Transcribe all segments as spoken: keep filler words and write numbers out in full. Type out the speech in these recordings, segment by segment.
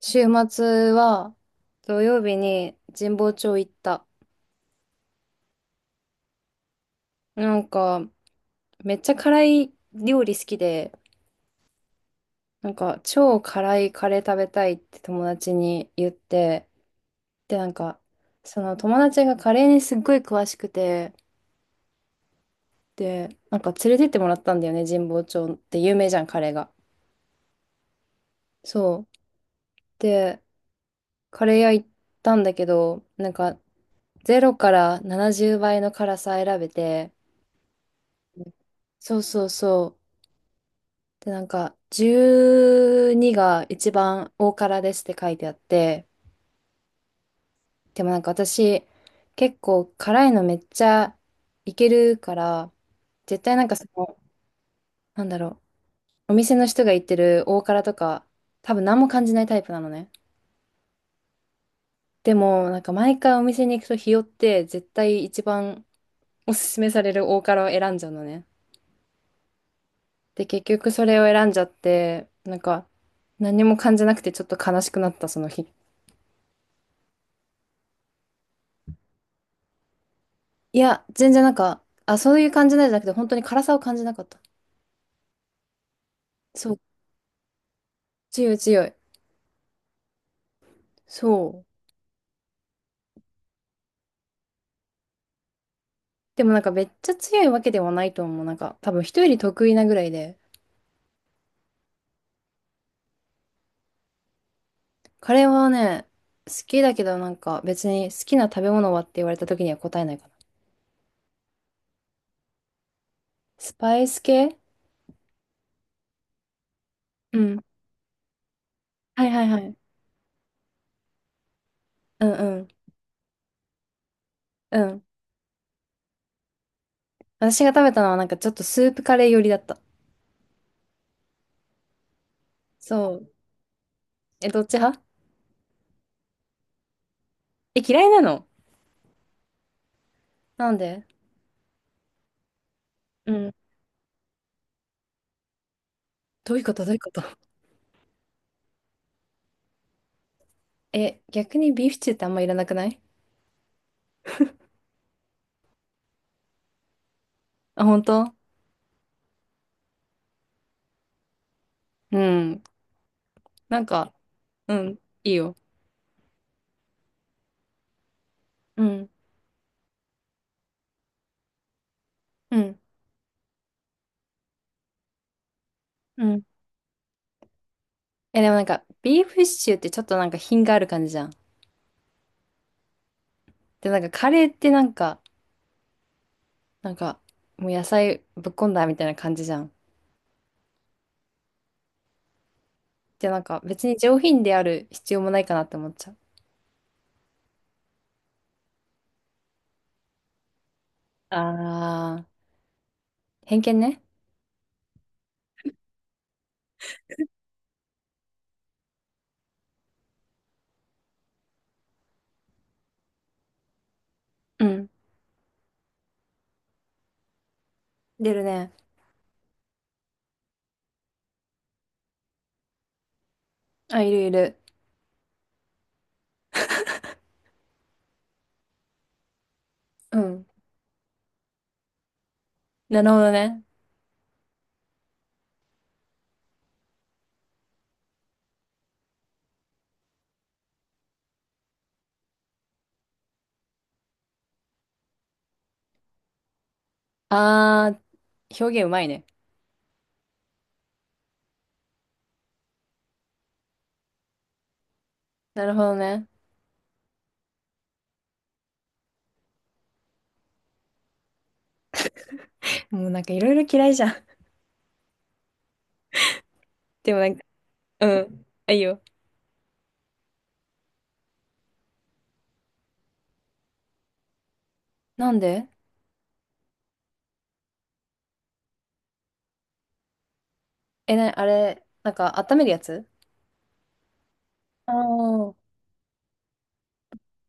週末は土曜日に神保町行った。なんかめっちゃ辛い料理好きで、なんか超辛いカレー食べたいって友達に言って、でなんかその友達がカレーにすっごい詳しくて、でなんか連れてってもらったんだよね、神保町って有名じゃん、カレーが。そう。で、カレー屋行ったんだけど、なんかゼロからななじゅうばいの辛さ選べて、そうそうそう。で、なんか、じゅうにが一番大辛ですって書いてあって、でもなんか私、結構辛いのめっちゃいけるから、絶対なんかその、なんだろう、お店の人が言ってる大辛とか、多分何も感じないタイプなのね。でも、なんか毎回お店に行くと日和って、絶対一番おすすめされる大辛を選んじゃうのね。で、結局それを選んじゃって、なんか、何も感じなくてちょっと悲しくなった、その日。いや、全然なんか、あ、そういう感じなんじゃなくて、本当に辛さを感じなかった。そう、強い強い。そう。でもなんかめっちゃ強いわけではないと思う。なんか、多分人より得意なぐらいで。カレーはね、好きだけどなんか別に好きな食べ物はって言われた時には答えないかな。スパイス系うん。はいはいはい。うんうん。うん。私が食べたのはなんかちょっとスープカレー寄りだった。そう。え、どっち派？え、嫌いなの？なんで？うん。どういうこと？どういうこと？え、逆にビーフシチューってあんまいらなくない？あ、本当？うん。なんか、うん、いいよ。うん、うん、うん。え、でもなんか、ビーフシチューってちょっとなんか品がある感じじゃん。で、なんかカレーってなんか、なんか、もう野菜ぶっこんだみたいな感じじゃん。で、なんか別に上品である必要もないかなって思っちゃう。あー、偏見ね。うん。出るね。あ、いるいる。うん。なるほどね。あー、表現うまいね。なるほどね。もうなんかいろいろ嫌いじゃん。でもなんか、うん。あいいよ。なんで？え、な、あれ、なんか温めるやつ？ああー、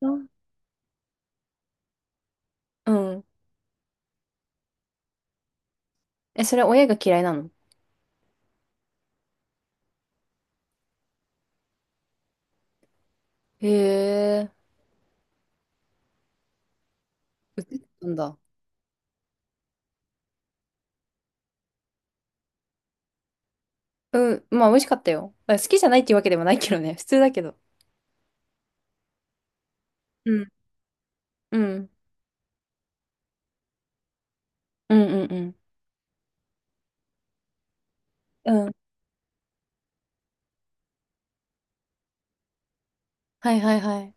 うんうん。え、それ親が嫌いなの？へえ、売ってたんだ。うん、まあ美味しかったよ。だから好きじゃないっていうわけでもないけどね。普通だけど。うん。うん。うんうんうん。うん。はいはいはい。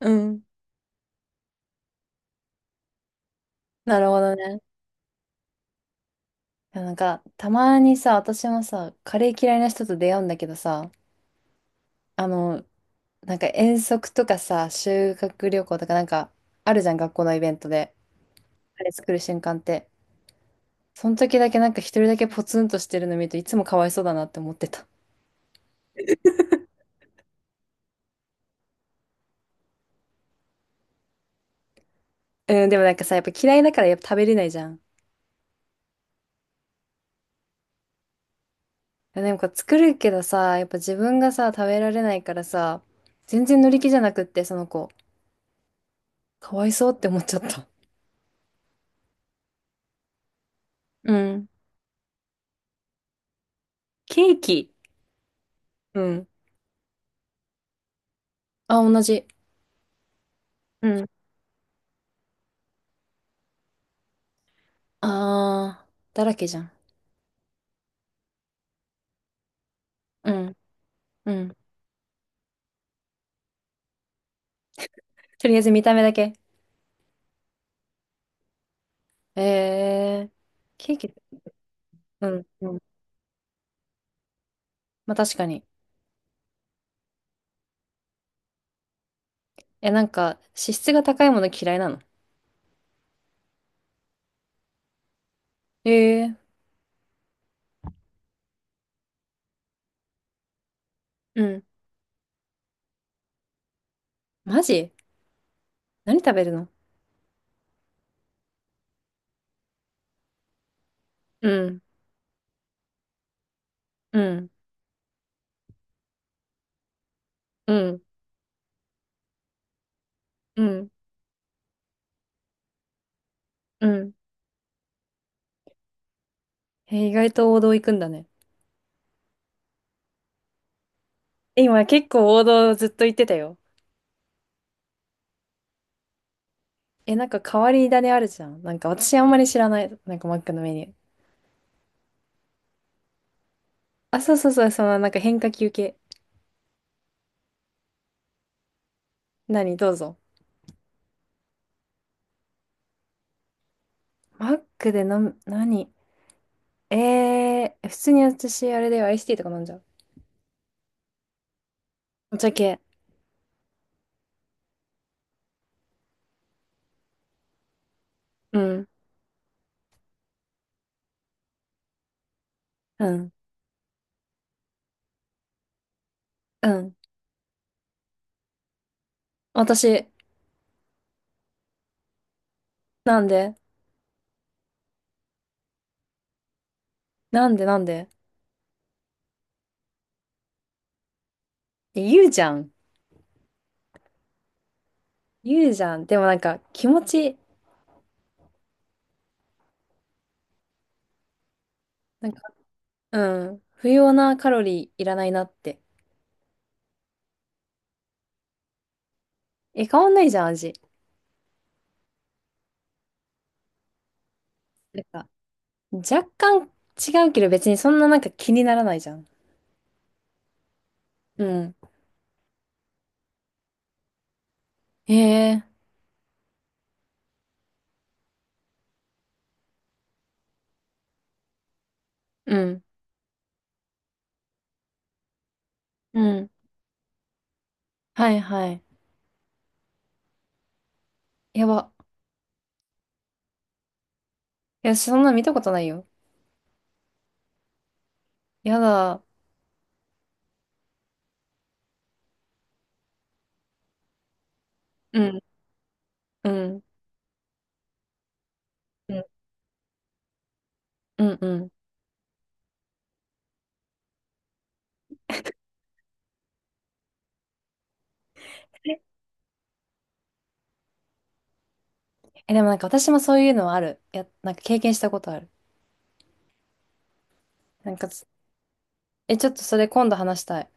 うん。なるほどね。いやなんか、たまにさ、私もさ、カレー嫌いな人と出会うんだけどさ、あの、なんか遠足とかさ、修学旅行とかなんか、あるじゃん、学校のイベントで。カレー作る瞬間って。その時だけなんか一人だけポツンとしてるの見るといつもかわいそうだなって思ってた。うん、でもなんかさ、やっぱ嫌いだからやっぱ食べれないじゃん。でもこう作るけどさ、やっぱ自分がさ、食べられないからさ、全然乗り気じゃなくって、その子。かわいそうって思っちゃった。うん。ケーキ。うん。あ、同じ。うん。あー、だらけじゃん。うん。うん。とりあえず見た目だけ。えー、ケーキ。うん。うん。まあ確かに。え、なんか、脂質が高いもの嫌いなの？えー。うんマジ？何食べるの？うん、うん、うん、うん、うん。え意外と王道行くんだね。え今結構王道ずっと言ってたよ。え、なんか変わり種あるじゃん。なんか私あんまり知らない。なんかマックのメニュー。あ、そうそうそう、そのなんか変化球系。何、どうぞ。マックで飲む、何？えー、普通に私あれだよ、アイスティーとか飲んじゃう。お茶系。うん、うん、うん。私、なんで？なんで？なんで？え言うじゃん。言うじゃん。でもなんか気持ち、なんうん。不要なカロリーいらないなって。え、変わんないじゃん、味。なんか、若干違うけど別にそんななんか気にならないじゃん。うん。へえ。うん。うん。はいはい。やば。いや、そんな見たことないよ。やだ。うん。うん。うん。うんうん。え、でもなんか私もそういうのはある。や、なんか経験したことある。なんかつ、え、ちょっとそれ今度話したい。